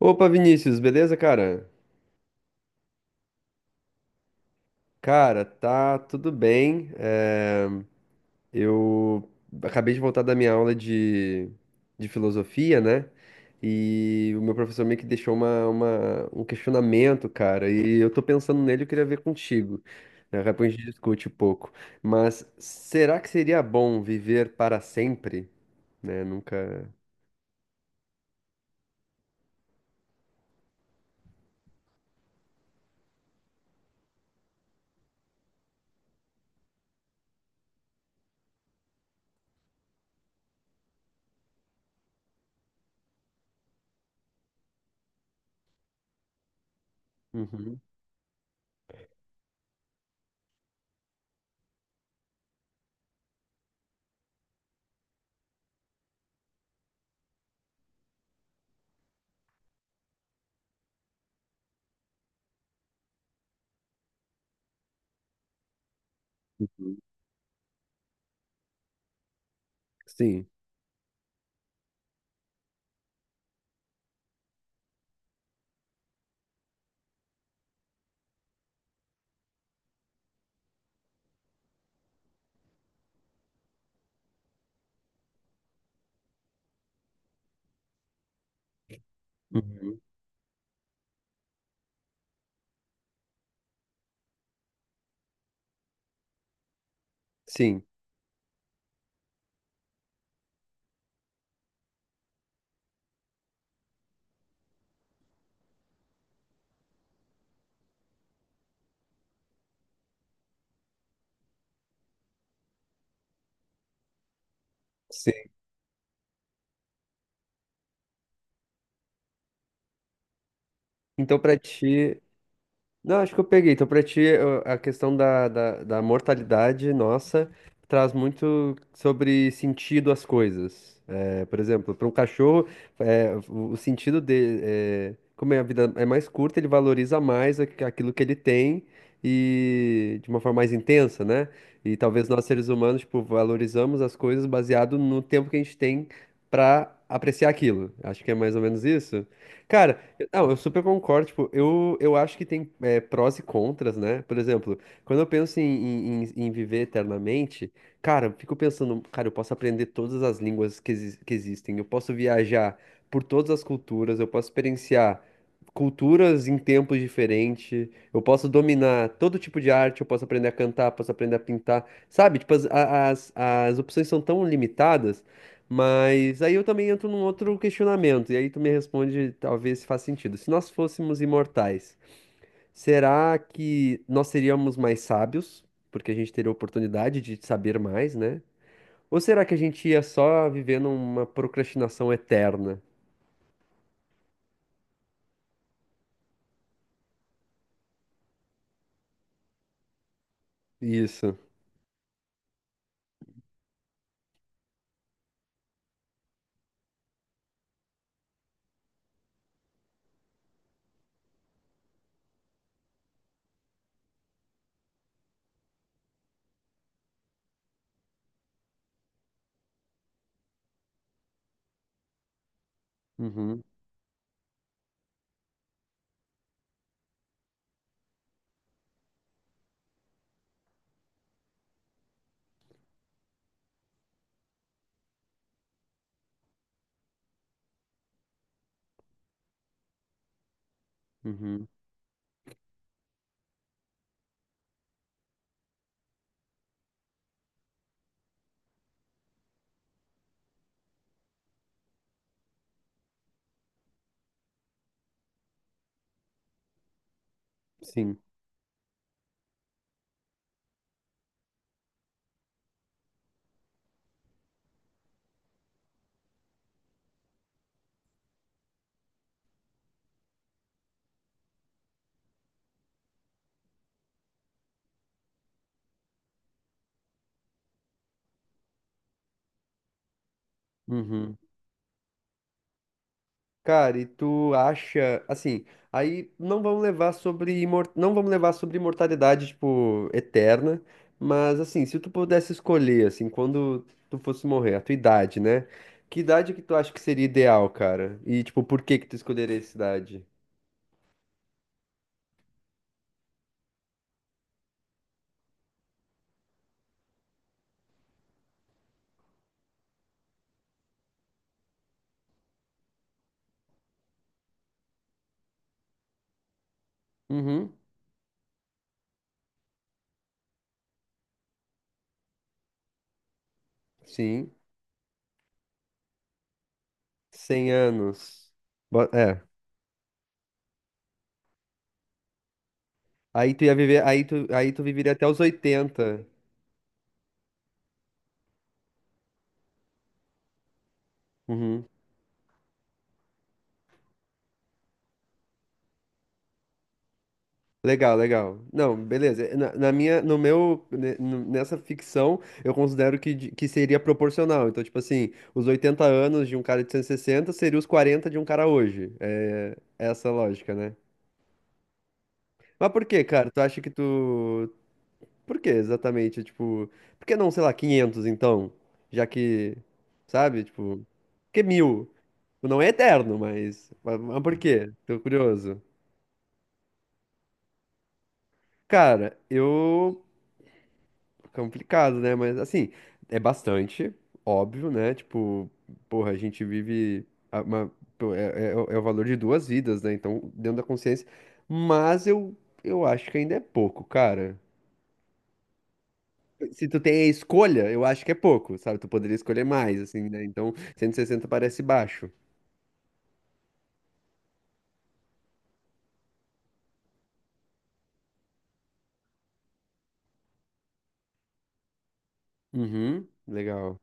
Opa, Vinícius, beleza, cara? Cara, tá tudo bem. Eu acabei de voltar da minha aula de filosofia, né? E o meu professor meio que deixou um questionamento, cara, e eu tô pensando nele, eu queria ver contigo, né? Depois a gente discute um pouco. Mas será que seria bom viver para sempre? Né? Nunca. Uhum. Sim. Uhum. Sim. Sim. Então, pra ti. Não, acho que eu peguei. Então, pra ti, a questão da mortalidade nossa traz muito sobre sentido às coisas. É, por exemplo, para um cachorro, é, o sentido dele, é, como é a vida é mais curta, ele valoriza mais aquilo que ele tem e de uma forma mais intensa, né? E talvez nós, seres humanos, tipo, valorizamos as coisas baseado no tempo que a gente tem pra apreciar aquilo. Acho que é mais ou menos isso. Cara, Não, eu super concordo. Tipo, eu acho que tem prós e contras, né? Por exemplo, quando eu penso em viver eternamente, cara, eu fico pensando, cara, eu posso aprender todas as línguas que existem, eu posso viajar por todas as culturas, eu posso experienciar culturas em tempos diferentes, eu posso dominar todo tipo de arte, eu posso aprender a cantar, posso aprender a pintar, sabe? Tipo, as opções são tão limitadas. Mas aí eu também entro num outro questionamento, e aí tu me responde, talvez se faz sentido. Se nós fôssemos imortais, será que nós seríamos mais sábios, porque a gente teria a oportunidade de saber mais, né? Ou será que a gente ia só viver numa procrastinação eterna? Isso. Uhum, uhum, sim. Uhum. Cara, e tu acha, assim, aí não vamos levar sobre não vamos levar sobre imortalidade, tipo, eterna, mas assim, se tu pudesse escolher, assim, quando tu fosse morrer, a tua idade, né? Que idade que tu acha que seria ideal, cara? E tipo, por que que tu escolheria essa idade? Uhum. Sim, 100 anos. É. Aí tu viveria até os 80. Uhum. Legal, legal. Não, beleza. Na, na minha, no meu, ne- no- nessa ficção, eu considero que seria proporcional. Então, tipo assim, os 80 anos de um cara de 160 seria os 40 de um cara hoje. É essa a lógica, né? Mas por quê, cara? Tu acha que tu... Por quê, exatamente? Tipo, por que não, sei lá, 500, então? Já que, sabe? Tipo, por que 1000? Não é eterno, mas... Mas por quê? Tô curioso. Cara, eu... Complicado, né? Mas assim, é bastante, óbvio, né? Tipo, porra, a gente vive uma, pô, é o valor de duas vidas, né? Então, dentro da consciência. Mas eu acho que ainda é pouco, cara. Se tu tem a escolha, eu acho que é pouco, sabe? Tu poderia escolher mais, assim, né? Então, 160 parece baixo. Uhum, legal.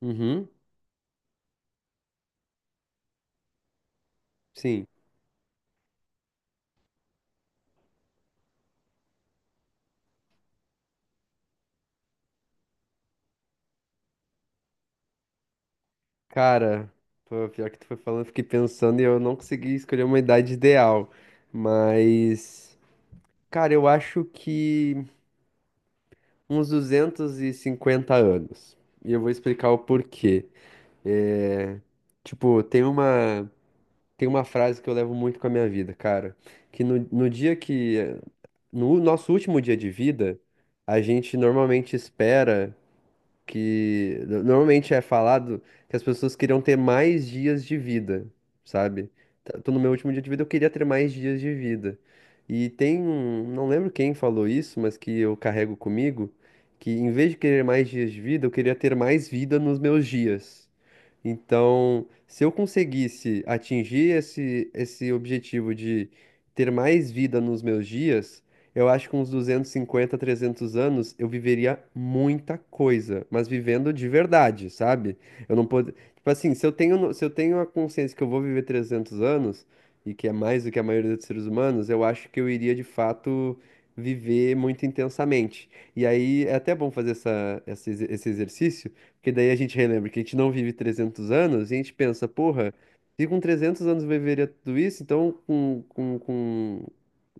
Uhum, sim. Cara, pô, pior que tu foi falando, eu fiquei pensando e eu não consegui escolher uma idade ideal. Mas. Cara, eu acho que uns 250 anos. E eu vou explicar o porquê. É, tipo, tem uma frase que eu levo muito com a minha vida, cara. Que no dia que. No nosso último dia de vida, a gente normalmente espera que normalmente é falado que as pessoas queriam ter mais dias de vida, sabe? Tô no meu último dia de vida, eu queria ter mais dias de vida. E tem um, não lembro quem falou isso, mas que eu carrego comigo, que em vez de querer mais dias de vida, eu queria ter mais vida nos meus dias. Então, se eu conseguisse atingir esse, esse- objetivo de ter mais vida nos meus dias, eu acho que uns 250 300 anos eu viveria muita coisa, mas vivendo de verdade, sabe? Eu não pod... Tipo assim, se eu tenho, se eu tenho a consciência que eu vou viver 300 anos, e que é mais do que a maioria dos seres humanos, eu acho que eu iria de fato viver muito intensamente. E aí é até bom fazer esse exercício porque daí a gente relembra que a gente não vive 300 anos e a gente pensa, porra, se com 300 anos eu viveria tudo isso, então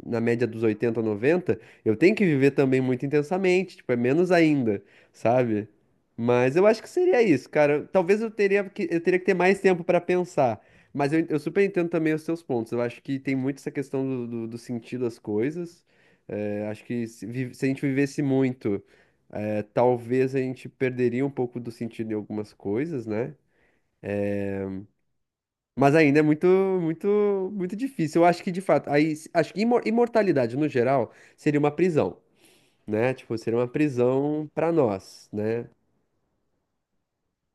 na média dos 80 90 eu tenho que viver também muito intensamente, tipo, é menos ainda, sabe? Mas eu acho que seria isso, cara. Talvez eu teria que ter mais tempo pra pensar. Mas eu super entendo também os seus pontos. Eu acho que tem muito essa questão do sentido das coisas. É, acho que se a gente vivesse muito. É, talvez a gente perderia um pouco do sentido em algumas coisas, né? Mas ainda é muito, muito, muito difícil. Eu acho que, de fato, aí, acho que imortalidade, no geral, seria uma prisão, né? Tipo, seria uma prisão para nós, né?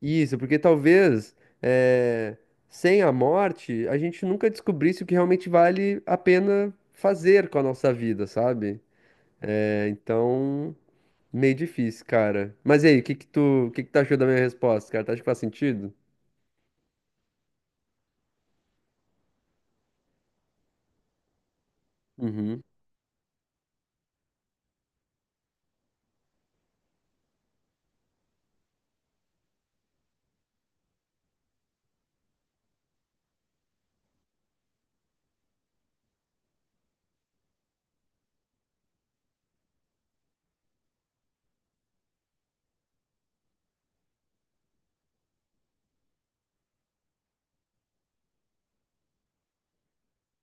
Isso, porque talvez, é, sem a morte, a gente nunca descobrisse o que realmente vale a pena fazer com a nossa vida, sabe? É, então, meio difícil, cara. Mas e aí, o que que tu, achou da minha resposta, cara? Tu acha que faz sentido? Uhum.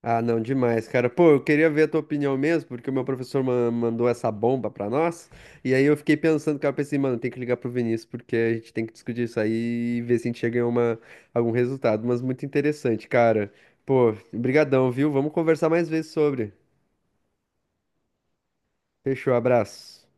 Ah, não, demais, cara. Pô, eu queria ver a tua opinião mesmo, porque o meu professor mandou essa bomba pra nós. E aí eu fiquei pensando, cara, eu pensei, mano, tem que ligar pro Vinícius, porque a gente tem que discutir isso aí e ver se a gente chega em uma, algum resultado. Mas muito interessante, cara. Pô, brigadão, viu? Vamos conversar mais vezes sobre. Fechou, abraço.